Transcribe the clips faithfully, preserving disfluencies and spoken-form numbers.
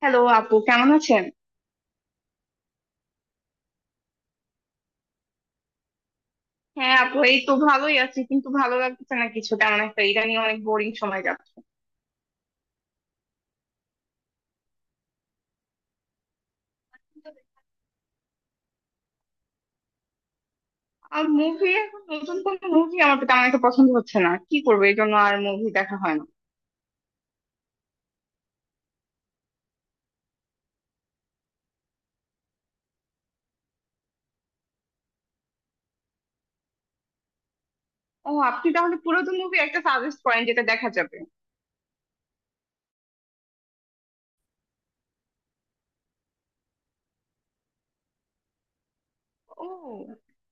Hello আপু, কেমন আছেন? হ্যাঁ আপু, এই তো ভালোই আছি, কিন্তু ভালো লাগছে না কিছু তেমন একটা। ইদানিং অনেক বোরিং সময় যাচ্ছে। আর মুভি এখন নতুন কোন মুভি আমার তো তেমন একটা পছন্দ হচ্ছে না, কি করবো, এই জন্য আর মুভি দেখা হয় না। ও, আপনি তাহলে পুরাতন মুভি একটা সাজেস্ট করেন যেটা দেখা যাবে। ও,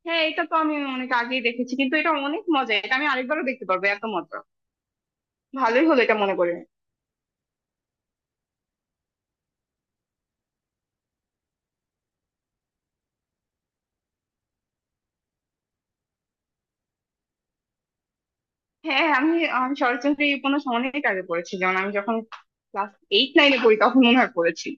হ্যাঁ, এটা তো আমি অনেক আগেই দেখেছি, কিন্তু এটা অনেক মজা, এটা আমি আরেকবারও দেখতে পারবো, এত মজা। ভালোই হলো এটা মনে করে। হ্যাঁ, আমি আমি শরৎচন্দ্রের এই উপন্যাস অনেক আগে পড়েছি, যেমন আমি যখন ক্লাস এইট নাইনে পড়ি তখন মনে হয় পড়েছি।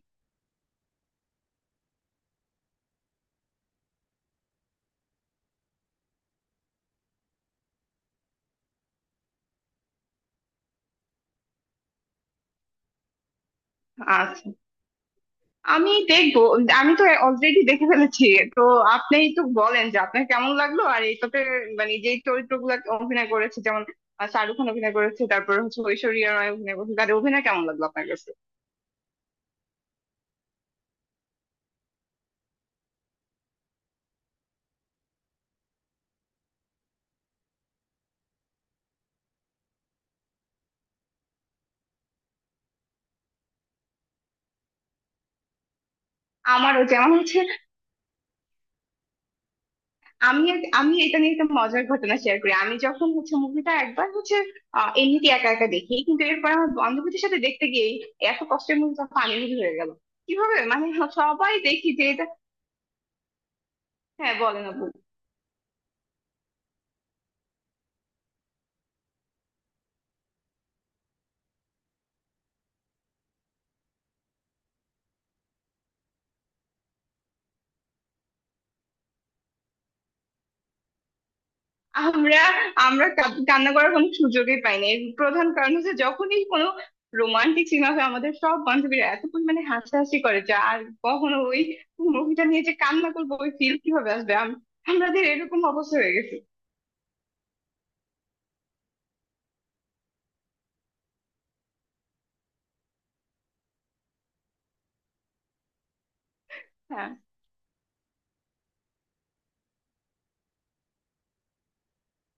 আচ্ছা। আমি দেখবো। আমি তো অলরেডি দেখে ফেলেছি। তো আপনি তো বলেন যে আপনার কেমন লাগলো আর এটাতে, মানে যে চরিত্রগুলো অভিনয় করেছে, যেমন আহ, শাহরুখ খান অভিনয় করেছে, তারপর হচ্ছে ঐশ্বরিয়া রায় অভিনয় করেছে, তাদের অভিনয় কেমন লাগলো আপনার কাছে? আমারও যেমন হচ্ছে, আমি এক- আমি এটা নিয়ে একটা মজার ঘটনা শেয়ার করি। আমি যখন হচ্ছে মুভিটা একবার হচ্ছে আহ, এমনিতে একা একা দেখি, কিন্তু এরপর আমার বান্ধবীদের সাথে দেখতে গিয়ে এত কষ্টের মুভিটা ফানি মুভি হয়ে গেল। কিভাবে মানে সবাই দেখি যে এটা, হ্যাঁ বলেন আপু। আমরা আমরা কা- কান্না করার কোনো সুযোগই পাই না, এর প্রধান কারণ হচ্ছে যখনই কোনো রোমান্টিক সিন হবে আমাদের সব বান্ধবীরা এত পরিমাণে হাসাহাসি করে যা আর কখনো ওই মুভিটা নিয়ে যে কান্না করবো ওই ফিল কিভাবে আসবে, আম- আমাদের এরকম অবস্থা হয়ে গেছে। হ্যাঁ,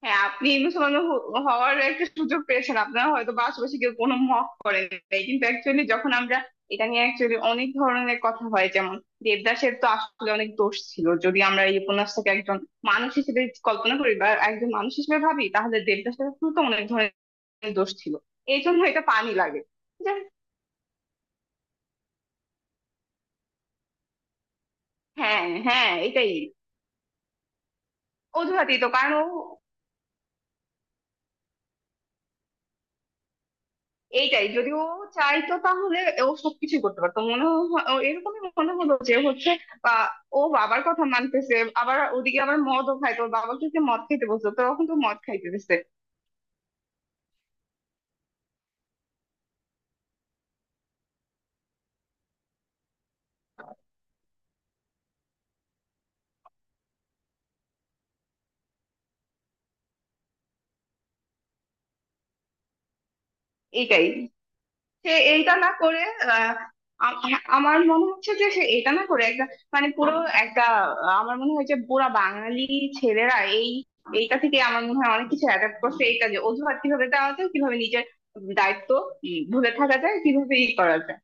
হ্যাঁ, আপনি এই মুসলমান হ- হওয়ার একটা সুযোগ পেয়েছেন, আপনারা হয়তো বা আশেপাশে কেউ কোনো মক করেন নাই, কিন্তু অ্যাকচুয়ালি যখন আমরা এটা নিয়ে অ্যাকচুয়ালি অনেক ধরনের কথা হয়, যেমন দেবদাসের তো আসলে অনেক দোষ ছিল, যদি আমরা এই উপন্যাসটাকে একজন মানুষ হিসেবে কল্পনা করি বা একজন মানুষ হিসেবে ভাবি, তাহলে দেবদাসের আসলে তো অনেক ধরনের দোষ ছিল। এই জন্য এটা পানি লাগে, যে হ্যাঁ, হ্যাঁ, এটাই। অজুহাতই তো কারণ, ও এইটাই যদি ও চাইতো তাহলে ও সবকিছুই করতে পারতো, মনে হ- ও এরকমই মনে হলো, যে হচ্ছে আহ, ও বাবার কথা মানতেছে, আবার ওদিকে আবার মদও খাইতো, ওর বাবাকে সে মদ খাইতে বলতো তখন তো মদ খাইতে দিচ্ছে। এইটাই, সে এইটা না করে আহ, আ- হ্যাঁ, আমার মনে হচ্ছে যে সে এটা না করে একটা মানে পুরো একটা, আহ, আমার মনে হয় যে পুরা বাঙালি ছেলেরা এই এইটা থেকে আমার মনে হয় অনেক কিছু অ্যাডাপ্ট করছে, এইটা যে অজুহাত কিভাবে দেওয়া যায়, কিভাবে নিজের দায়িত্ব উম, ভুলে থাকা যায়, কিভাবে ই করা যায়।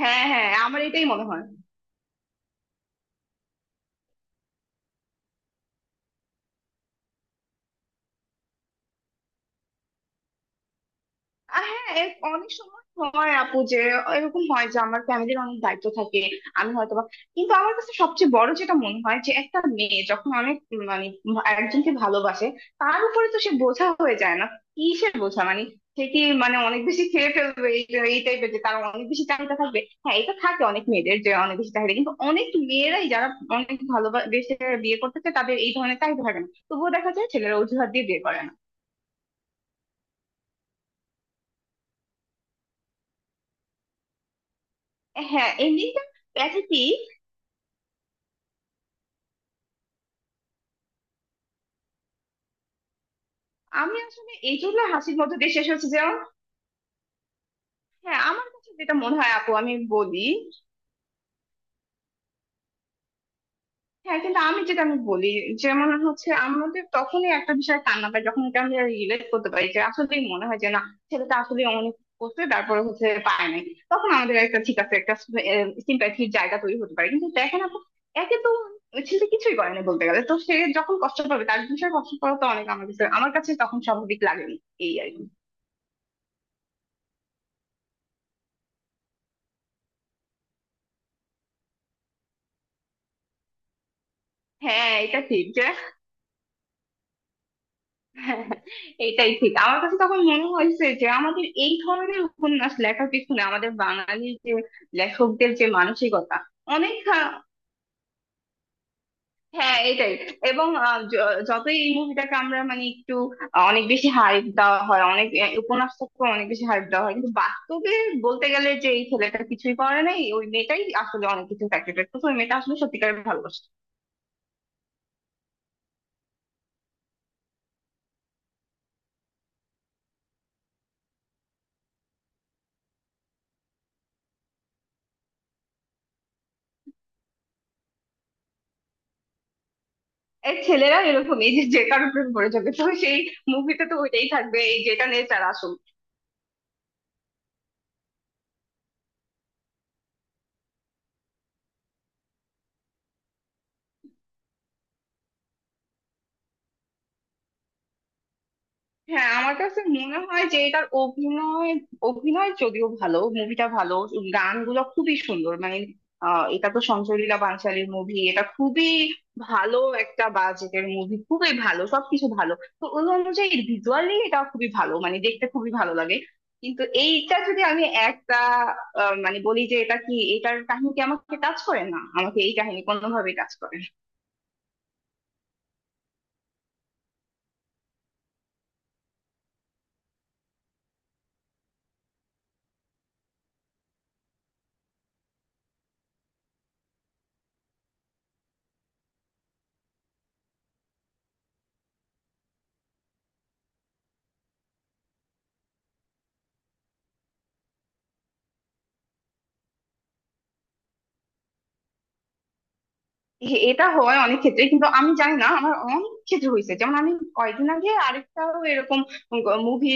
হ্যাঁ, হ্যাঁ, আমার এটাই মনে হয়। আর হ্যাঁ এর অনেক সময় হয় আপু, যে এরকম হয় যে আমার ফ্যামিলির অনেক দায়িত্ব থাকে, আমি হয়তো বা, কিন্তু আমার কাছে সবচেয়ে বড় যেটা মনে হয় যে একটা মেয়ে যখন অনেক উম মানে উম একজনকে ভালোবাসে তার উপরে তো সে বোঝা হয়ে যায় না। কিসের বোঝা মানে, সে কি মানে অনেক বেশি খেয়ে ফেলবে? এই এই টাইপের যে তার অনেক বেশি চাহিদা থাকবে। হ্যাঁ এটা থাকে অনেক মেয়েদের, যে অনেক বেশি চাহিদা, কিন্তু অনেক মেয়েরাই যারা অনেক ভালোবেসে বিয়ে করতেছে তাদের এই ধরনের চাহিদা থাকে না, তবুও দেখা যায় ছেলেরা অজুহাত দিয়ে বিয়ে করে। হ্যাঁ, এন্ডিংটা প্যাথেটিক। আমি আসলে এই জন্য হাসির মধ্যে দিয়ে শেষ হচ্ছে যেমন, হ্যাঁ আমার কাছে যেটা মনে হয় আপু, আমি বলি, হ্যাঁ কিন্তু আমি যেটা আমি বলি, যেমন হচ্ছে আমাদের তখনই একটা বিষয় কান্না পায় যখন এটা আমরা রিলেট করতে পারি, যে আসলেই মনে হয় যে না, ছেলেটা আসলে অনেক করছে তারপরে হচ্ছে পায় নাই, তখন আমাদের একটা ঠিক আছে, একটা সিম্প্যাথির জায়গা তৈরি হতে পারে। কিন্তু দেখেন আপু, একে তো ওই ছেলে কিছুই করে না বলতে গেলে, তো সে যখন কষ্ট পাবে তার বিষয়ে কষ্ট পাওয়া তো অনেক, আমার কাছে আমার কাছে তখন স্বাভাবিক লাগে, এই আর কি। হ্যাঁ এটা ঠিক, যে হ্যাঁ, এটাই ঠিক। আমার কাছে তখন মনে হয়েছে যে আমাদের এই ধরনের উপন্যাস লেখার পিছনে আমাদের বাঙালি যে লেখকদের যে মানসিকতা, অনেক আহ, হ্যাঁ এটাই। এবং আহ, য- যতই এই মুভিটাকে আমরা মানে একটু আহ, অনেক বেশি হাইপ দেওয়া হয়, অনেক আহ, উপন্যাসটাকে অনেক বেশি হাইপ দেওয়া হয়, কিন্তু বাস্তবে বলতে গেলে যে এই ছেলেটা কিছুই করে নাই, ওই মেয়েটাই আসলে অনেক কিছু ফ্যাক্টরি করতো, ওই মেয়েটা আসলে সত্যিকারের ভালোবাসে। এই ছেলেরা এরকমই, যে যে কারো প্রেমে পড়ে যাবে তো সেই মুভিতে তো ওইটাই থাকবে, এই যেটা নেচার আসল। হ্যাঁ, আমার কাছে মনে হয় যে এটার অভিনয় অভিনয় যদিও ভালো, মুভিটা ভালো, গানগুলো খুবই সুন্দর, মানে আহ, এটা তো সঞ্জয় লীলা বানশালির মুভি, এটা খুবই ভালো একটা বাজেটের মুভি, খুবই ভালো, সবকিছু ভালো। তো ওই অনুযায়ী ভিজুয়ালি এটা খুবই ভালো, মানে দেখতে খুবই ভালো লাগে। কিন্তু এইটা যদি আমি একটা আহ, মানে বলি যে এটা কি, এটার কাহিনী কি, আমাকে টাচ করে না, আমাকে এই কাহিনী কোনোভাবেই টাচ করে না। এ- এটা হয় অনেক ক্ষেত্রে, কিন্তু আমি জানি না আমার অনেক ক্ষেত্রে হয়েছে, যেমন আমি কয়েকদিন আগে আরেকটাও এরকম মুভি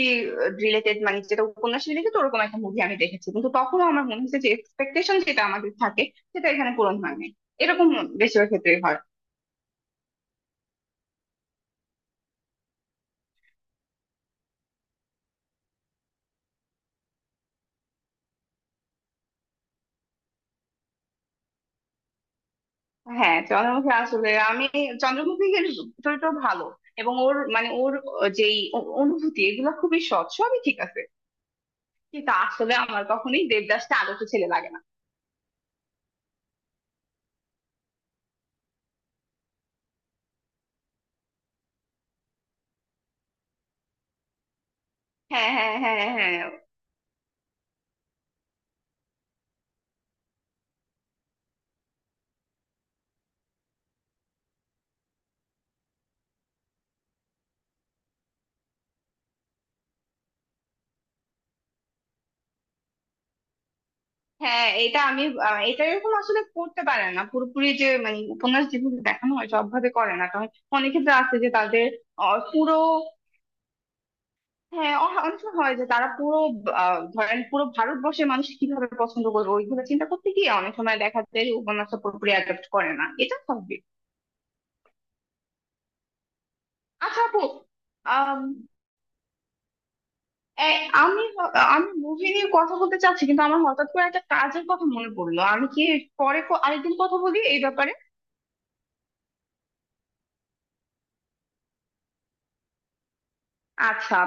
রিলেটেড, মানে যেটা উপন্যাস রিলেটেড ওরকম একটা মুভি আমি দেখেছি, কিন্তু তখনও আমার মনে হচ্ছে যে এক্সপেকটেশন যেটা আমাদের থাকে সেটা এখানে পূরণ হয় নাই, এরকম বেশিরভাগ ক্ষেত্রেই হয়। হ্যাঁ চন্দ্রমুখী, আসলে আমি চন্দ্রমুখীর চরিত্র ভালো, এবং ওর মানে ওর যেই অ- অনুভূতি এগুলো খুবই সৎ, সবই ঠিক আছে, কিন্তু আসলে আমার কখনোই দেবদাসটা আদর্শ ছেলে লাগে না। হ্যাঁ, হ্যাঁ, হ্যাঁ, হ্যাঁ, হ্যাঁ এটা আমি আহ, এটা এরকম আসলে করতে পারে না পুরোপুরি, যে মানে উপন্যাস যেভাবে দেখানো হয় সবভাবে করে না, কারণ অনেক ক্ষেত্রে আছে যে তাদের আহ, পুরো, হ্যাঁ অ- অনেক সময় হয় যে তারা পুরো আহ, ধরেন পুরো ভারতবর্ষের মানুষ কিভাবে পছন্দ করবে ওইগুলো চিন্তা করতে গিয়ে অনেক সময় দেখা যায় যে উপন্যাসটা পুরোপুরি অ্যাডাপ্ট করে না, এটা স্বাভাবিক। আচ্ছা আপু, আম, এ- আমি হ- আমি মুভি নিয়ে কথা বলতে চাচ্ছি কিন্তু আমার হঠাৎ করে একটা কাজের কথা মনে পড়লো, আমি কি পরে ক- আরেকদিন কথা বলি এই ব্যাপারে? আচ্ছা।